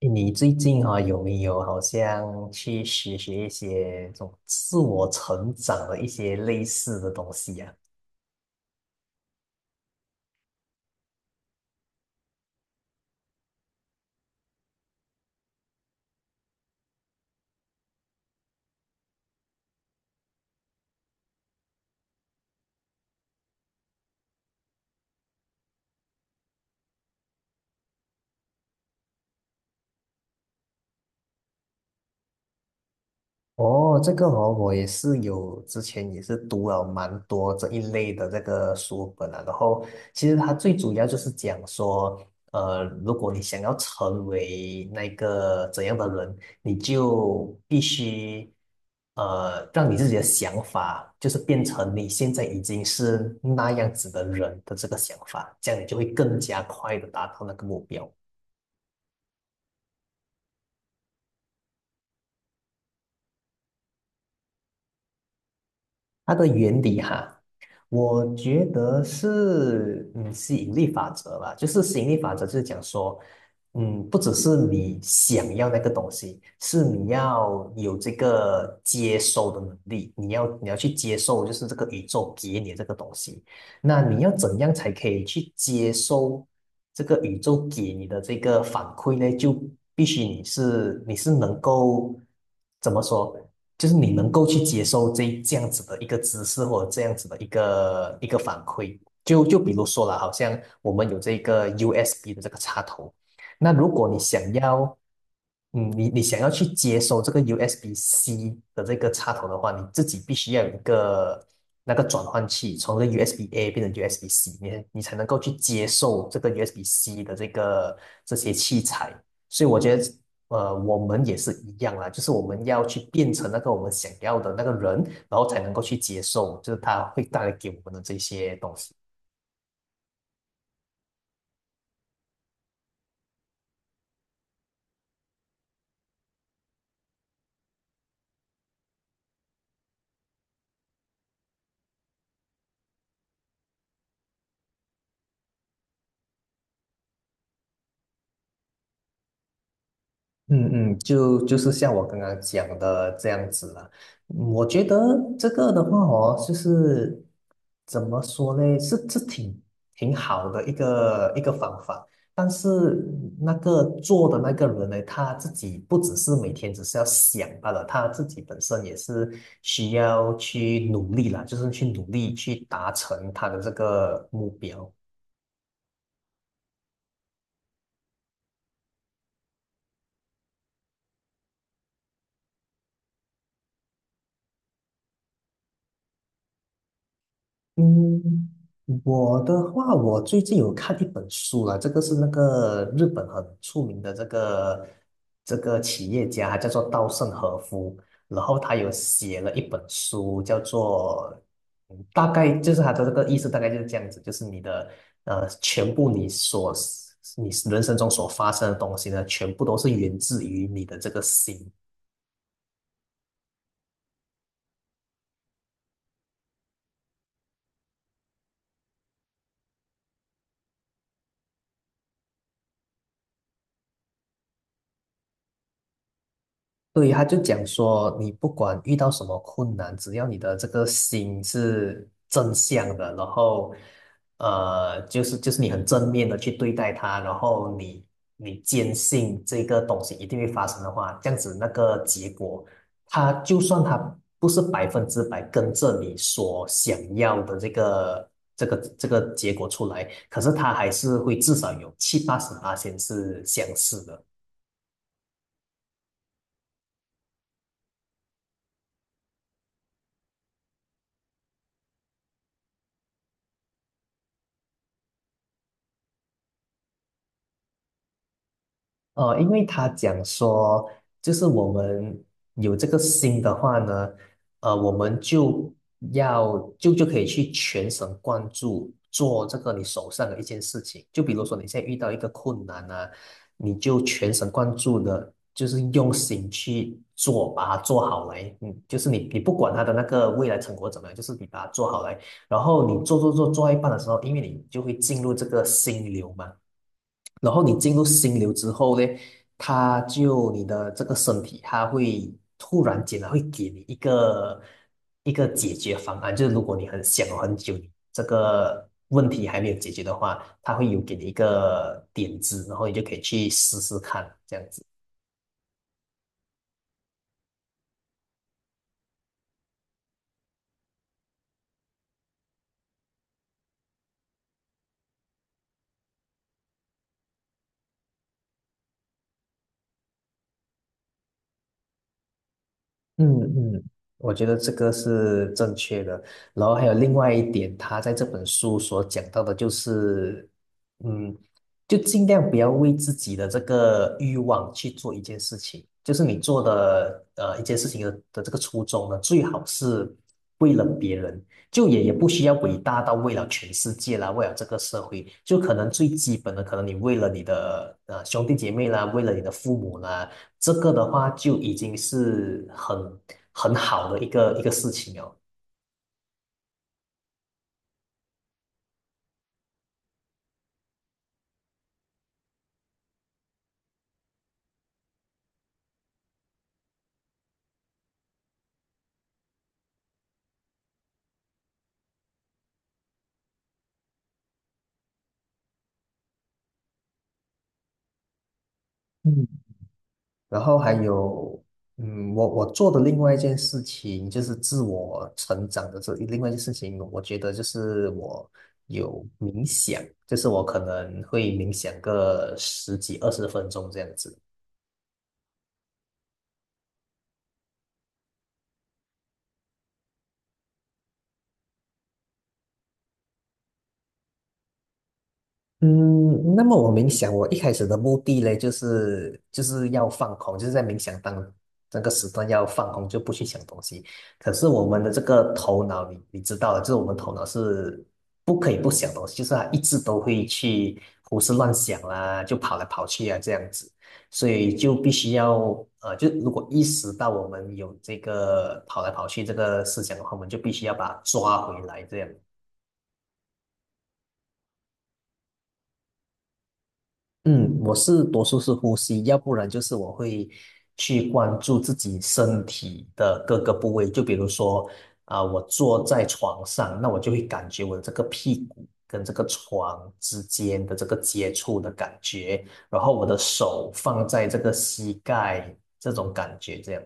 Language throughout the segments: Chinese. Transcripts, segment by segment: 你最近啊，有没有好像去学学一些这种自我成长的一些类似的东西呀？哦，这个哦，我也是有之前也是读了蛮多这一类的这个书本啊。然后其实它最主要就是讲说，如果你想要成为那个怎样的人，你就必须让你自己的想法，就是变成你现在已经是那样子的人的这个想法，这样你就会更加快的达到那个目标。它的原理哈。我觉得是吸引力法则吧，就是吸引力法则就是讲说，不只是你想要那个东西，是你要有这个接收的能力，你要去接受，就是这个宇宙给你这个东西，那你要怎样才可以去接收这个宇宙给你的这个反馈呢？就必须你是能够怎么说？就是你能够去接受这样子的一个姿势，或者这样子的一个反馈。就比如说了，好像我们有这个 USB 的这个插头，那如果你想要，你想要去接收这个 USB-C 的这个插头的话，你自己必须要有一个那个转换器，从这个 USB-A 变成 USB-C，你才能够去接受这个 USB-C 的这个这些器材。所以我觉得我们也是一样啦，就是我们要去变成那个我们想要的那个人，然后才能够去接受，就是他会带来给我们的这些东西。嗯嗯，就是像我刚刚讲的这样子了。嗯我觉得这个的话哦，就是怎么说呢，是挺好的一个方法。但是那个做的那个人呢，他自己不只是每天只是要想罢了，他自己本身也是需要去努力啦，就是去努力去达成他的这个目标。嗯，我的话，我最近有看一本书了，这个是那个日本很出名的这个企业家，他叫做稻盛和夫，然后他有写了一本书，叫做大概就是他的这个意思，大概就是这样子，就是你的全部你人生中所发生的东西呢，全部都是源自于你的这个心。对，他就讲说，你不管遇到什么困难，只要你的这个心是正向的，然后，就是你很正面的去对待它，然后你坚信这个东西一定会发生的话，这样子那个结果，它就算它不是100%跟着你所想要的这个结果出来，可是它还是会至少有七八十八千是相似的。因为他讲说，就是我们有这个心的话呢，我们就要就就可以去全神贯注做这个你手上的一件事情。就比如说你现在遇到一个困难啊，你就全神贯注的，就是用心去做，把它做好来。嗯，就是你不管他的那个未来成果怎么样，就是你把它做好来。然后你做到一半的时候，因为你就会进入这个心流嘛。然后你进入心流之后呢，他就你的这个身体，突然间它会给你一个解决方案，就是如果你很想了很久，你这个问题还没有解决的话，它会有给你一个点子，然后你就可以去试试看，这样子。嗯嗯，我觉得这个是正确的。然后还有另外一点，他在这本书所讲到的就是，嗯，就尽量不要为自己的这个欲望去做一件事情。就是你做的一件事情的这个初衷呢，最好是为了别人，就也不需要伟大到为了全世界啦，为了这个社会，就可能最基本的，可能你为了你的兄弟姐妹啦，为了你的父母啦。这个的话就已经是很好的一个事情了。嗯，然后还有，我做的另外一件事情就是自我成长的这另外一件事情，我觉得就是我有冥想，就是我可能会冥想个十几二十分钟这样子。嗯，那么我冥想，我一开始的目的呢，就是要放空，就是在冥想当那个时段要放空，就不去想东西。可是我们的这个头脑，你知道的，就是我们头脑是不可以不想东西，就是它一直都会去胡思乱想啦，就跑来跑去啊这样子，所以就必须要就如果意识到我们有这个跑来跑去这个思想的话，我们就必须要把它抓回来这样。嗯，我是多数是呼吸，要不然就是我会去关注自己身体的各个部位，就比如说啊、我坐在床上，那我就会感觉我这个屁股跟这个床之间的这个接触的感觉，然后我的手放在这个膝盖这种感觉，这样。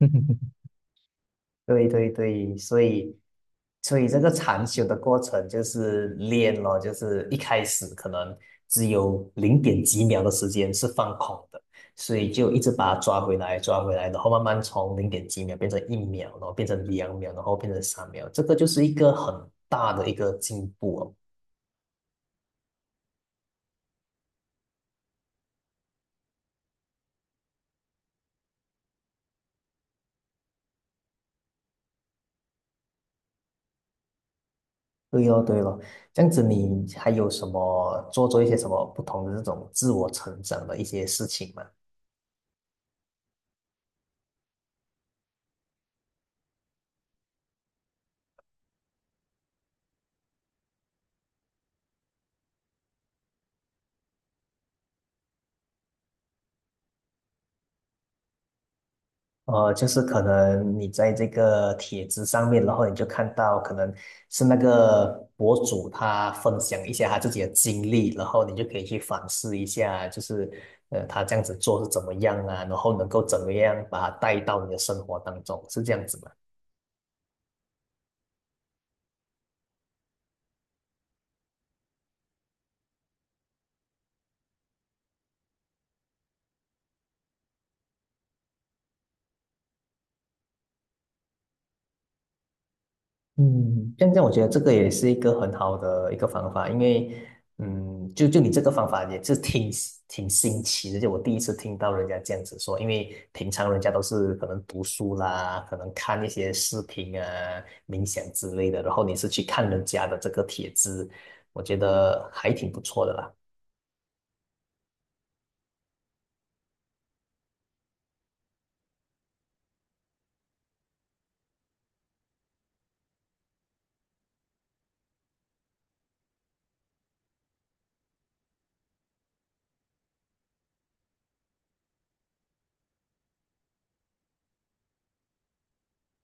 对对对，所以这个禅修的过程就是练咯，就是一开始可能只有零点几秒的时间是放空的，所以就一直把它抓回来，抓回来，然后慢慢从零点几秒变成1秒，然后变成2秒，然后变成3秒，这个就是一个很大的一个进步哦。对哦，对哦，这样子你还有什么做一些什么不同的这种自我成长的一些事情吗？就是可能你在这个帖子上面，然后你就看到可能是那个博主他分享一些他自己的经历，然后你就可以去反思一下，就是他这样子做是怎么样啊，然后能够怎么样把它带到你的生活当中，是这样子吗？嗯，这样我觉得这个也是一个很好的一个方法，因为，就你这个方法也是挺新奇的，就我第一次听到人家这样子说，因为平常人家都是可能读书啦，可能看一些视频啊、冥想之类的，然后你是去看人家的这个帖子，我觉得还挺不错的啦。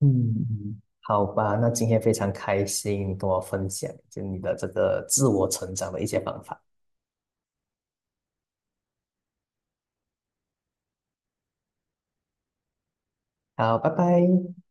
嗯，好吧，那今天非常开心，跟我分享就你的这个自我成长的一些方法。好，拜拜。